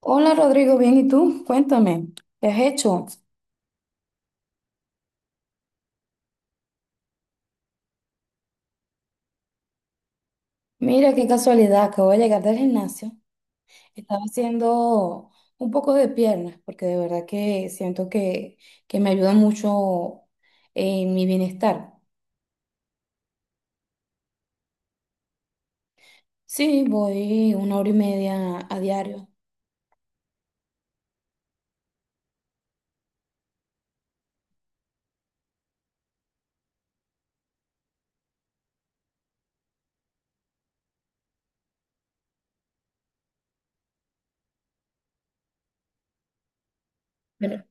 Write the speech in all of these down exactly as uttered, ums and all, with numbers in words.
Hola Rodrigo, bien, ¿y tú? Cuéntame, ¿qué has hecho? Mira qué casualidad, acabo de llegar del gimnasio. Estaba haciendo un poco de piernas porque de verdad que siento que, que me ayuda mucho en mi bienestar. Sí, voy una hora y media a diario. Bueno,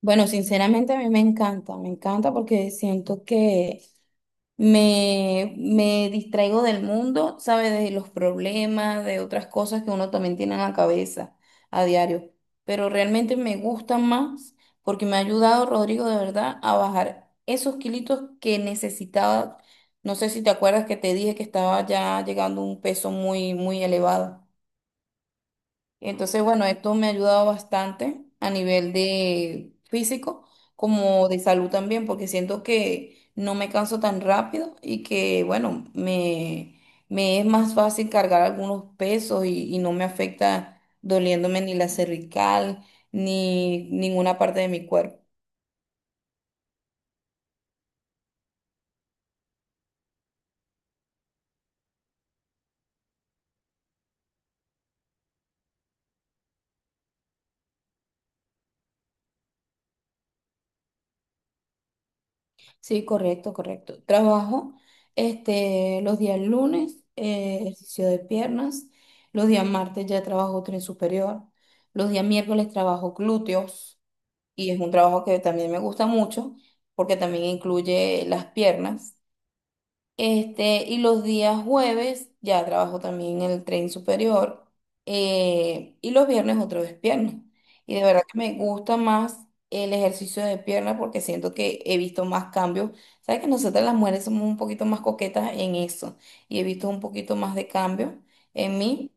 bueno, sinceramente a mí me encanta, me encanta porque siento que Me, me distraigo del mundo, ¿sabes? De los problemas, de otras cosas que uno también tiene en la cabeza a diario. Pero realmente me gusta más porque me ha ayudado, Rodrigo, de verdad, a bajar esos kilitos que necesitaba. No sé si te acuerdas que te dije que estaba ya llegando a un peso muy, muy elevado. Entonces, bueno, esto me ha ayudado bastante a nivel de físico como de salud también, porque siento que no me canso tan rápido y que, bueno, me, me es más fácil cargar algunos pesos y, y no me afecta doliéndome ni la cervical ni ninguna parte de mi cuerpo. Sí, correcto, correcto. Trabajo este, los días lunes, eh, ejercicio de piernas. Los días martes ya trabajo tren superior. Los días miércoles trabajo glúteos. Y es un trabajo que también me gusta mucho porque también incluye las piernas. Este, y los días jueves ya trabajo también en el tren superior. Eh, y los viernes otra vez pierna. Y de verdad que me gusta más el ejercicio de pierna porque siento que he visto más cambios. Sabes que nosotras las mujeres somos un poquito más coquetas en eso. Y he visto un poquito más de cambio en mí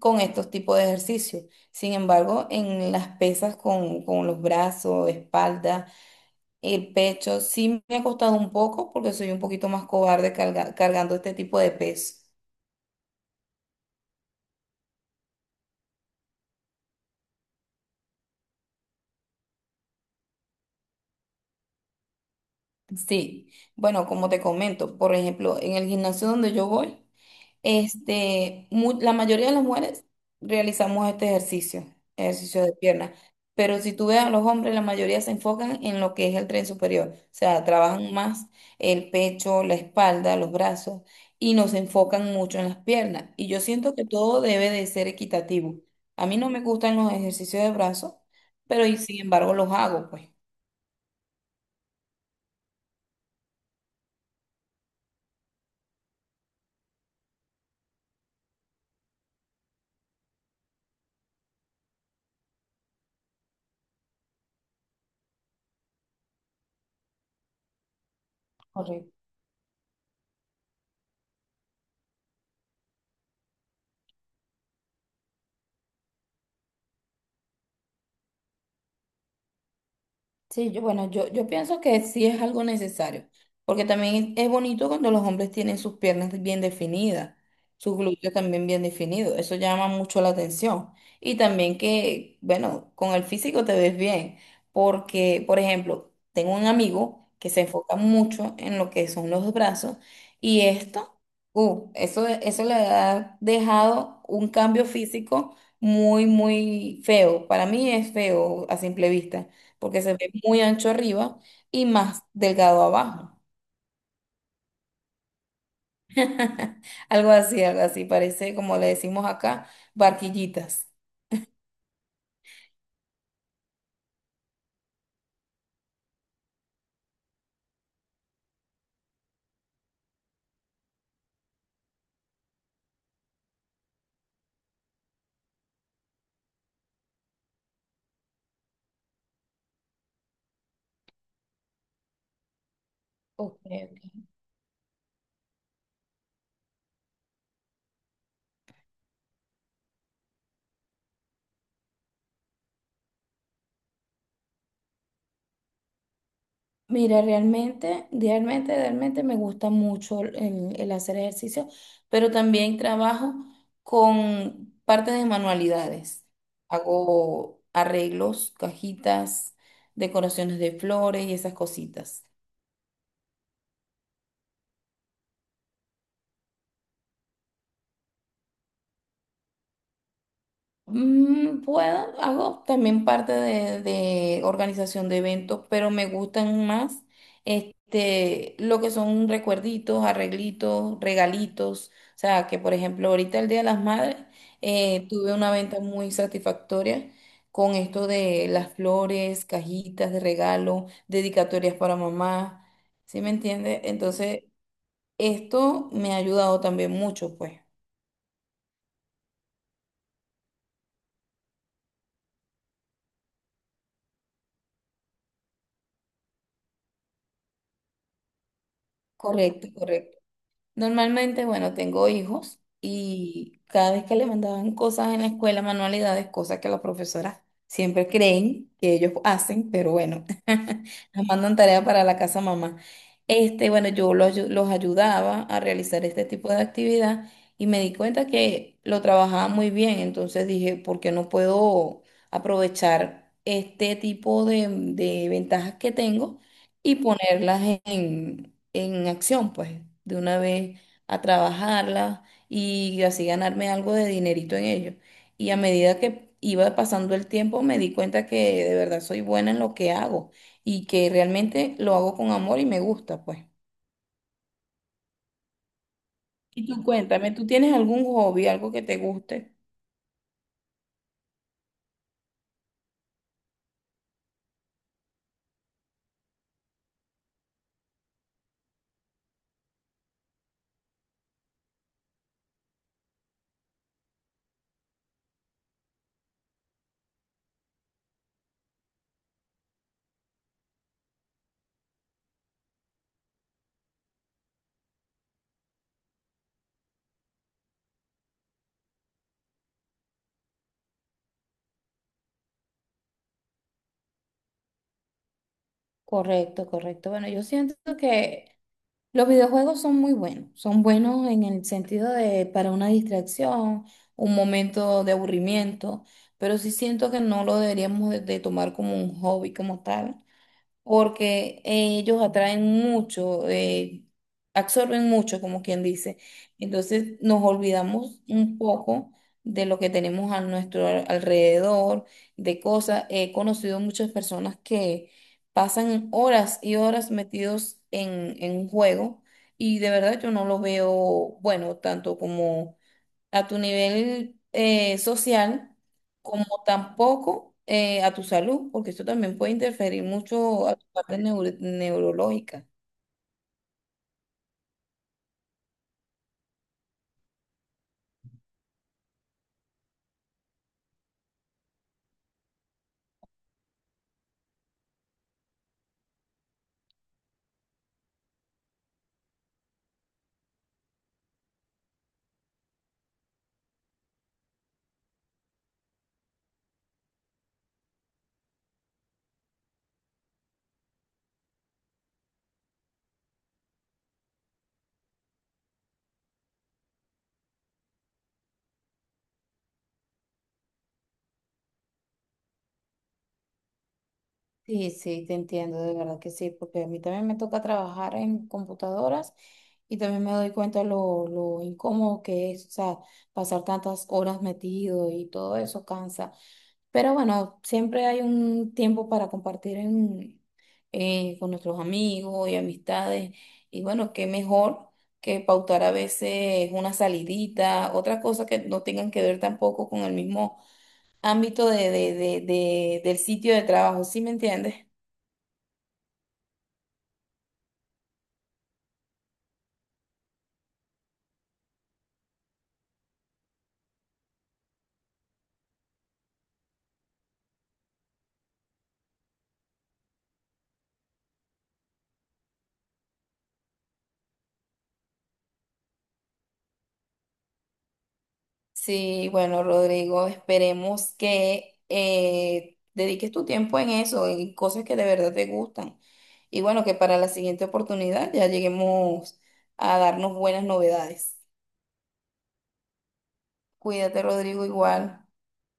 con estos tipos de ejercicios. Sin embargo, en las pesas con, con los brazos, espalda. El pecho sí me ha costado un poco porque soy un poquito más cobarde carga- cargando este tipo de peso. Sí, bueno, como te comento, por ejemplo, en el gimnasio donde yo voy, este, mu- la mayoría de las mujeres realizamos este ejercicio, ejercicio de pierna, pero si tú ves a los hombres, la mayoría se enfocan en lo que es el tren superior, o sea, trabajan más el pecho, la espalda, los brazos y no se enfocan mucho en las piernas. Y yo siento que todo debe de ser equitativo. A mí no me gustan los ejercicios de brazos, pero y sin embargo los hago, pues. Correcto. Sí, yo, bueno, yo, yo pienso que sí es algo necesario, porque también es bonito cuando los hombres tienen sus piernas bien definidas, sus glúteos también bien definidos, eso llama mucho la atención. Y también que, bueno, con el físico te ves bien, porque, por ejemplo, tengo un amigo que se enfoca mucho en lo que son los brazos y esto, uh, eso, eso le ha dejado un cambio físico muy, muy feo. Para mí es feo a simple vista porque se ve muy ancho arriba y más delgado abajo. Algo así, algo así, parece como le decimos acá, barquillitas. Ok, ok. Mira, realmente, realmente, realmente me gusta mucho el, el hacer ejercicio, pero también trabajo con parte de manualidades. Hago arreglos, cajitas, decoraciones de flores y esas cositas. Mm, puedo, hago también parte de, de organización de eventos, pero me gustan más este, lo que son recuerditos, arreglitos, regalitos. O sea, que por ejemplo, ahorita el Día de las Madres eh, tuve una venta muy satisfactoria con esto de las flores, cajitas de regalo, dedicatorias para mamá. ¿Sí me entiende? Entonces, esto me ha ayudado también mucho, pues. Correcto, correcto. Normalmente, bueno, tengo hijos y cada vez que les mandaban cosas en la escuela, manualidades, cosas que las profesoras siempre creen que ellos hacen, pero bueno, les mandan tarea para la casa mamá. Este, bueno, yo los, ayu- los ayudaba a realizar este tipo de actividad y me di cuenta que lo trabajaba muy bien, entonces dije, ¿por qué no puedo aprovechar este tipo de de ventajas que tengo? Y ponerlas en, en acción, pues, de una vez a trabajarlas y así ganarme algo de dinerito en ello. Y a medida que iba pasando el tiempo, me di cuenta que de verdad soy buena en lo que hago y que realmente lo hago con amor y me gusta, pues. Y tú cuéntame, ¿tú tienes algún hobby, algo que te guste? Correcto, correcto. Bueno, yo siento que los videojuegos son muy buenos, son buenos en el sentido de para una distracción, un momento de aburrimiento, pero sí siento que no lo deberíamos de, de tomar como un hobby como tal, porque ellos atraen mucho, eh, absorben mucho, como quien dice. Entonces nos olvidamos un poco de lo que tenemos a nuestro al- alrededor, de cosas. He conocido muchas personas que pasan horas y horas metidos en, en un juego y de verdad yo no lo veo bueno, tanto como a tu nivel eh, social, como tampoco eh, a tu salud, porque esto también puede interferir mucho a tu parte neuro- neurológica. Sí, sí, te entiendo, de verdad que sí, porque a mí también me toca trabajar en computadoras y también me doy cuenta lo, lo incómodo que es, o sea, pasar tantas horas metido y todo eso cansa. Pero bueno, siempre hay un tiempo para compartir en- eh, con nuestros amigos y amistades. Y bueno, qué mejor que pautar a veces una salidita, otra cosa que no tengan que ver tampoco con el mismo ámbito de, de- de- de- del sitio de trabajo, ¿sí me entiendes? Sí, bueno, Rodrigo, esperemos que eh, dediques tu tiempo en eso, en cosas que de verdad te gustan. Y bueno, que para la siguiente oportunidad ya lleguemos a darnos buenas novedades. Cuídate, Rodrigo, igual.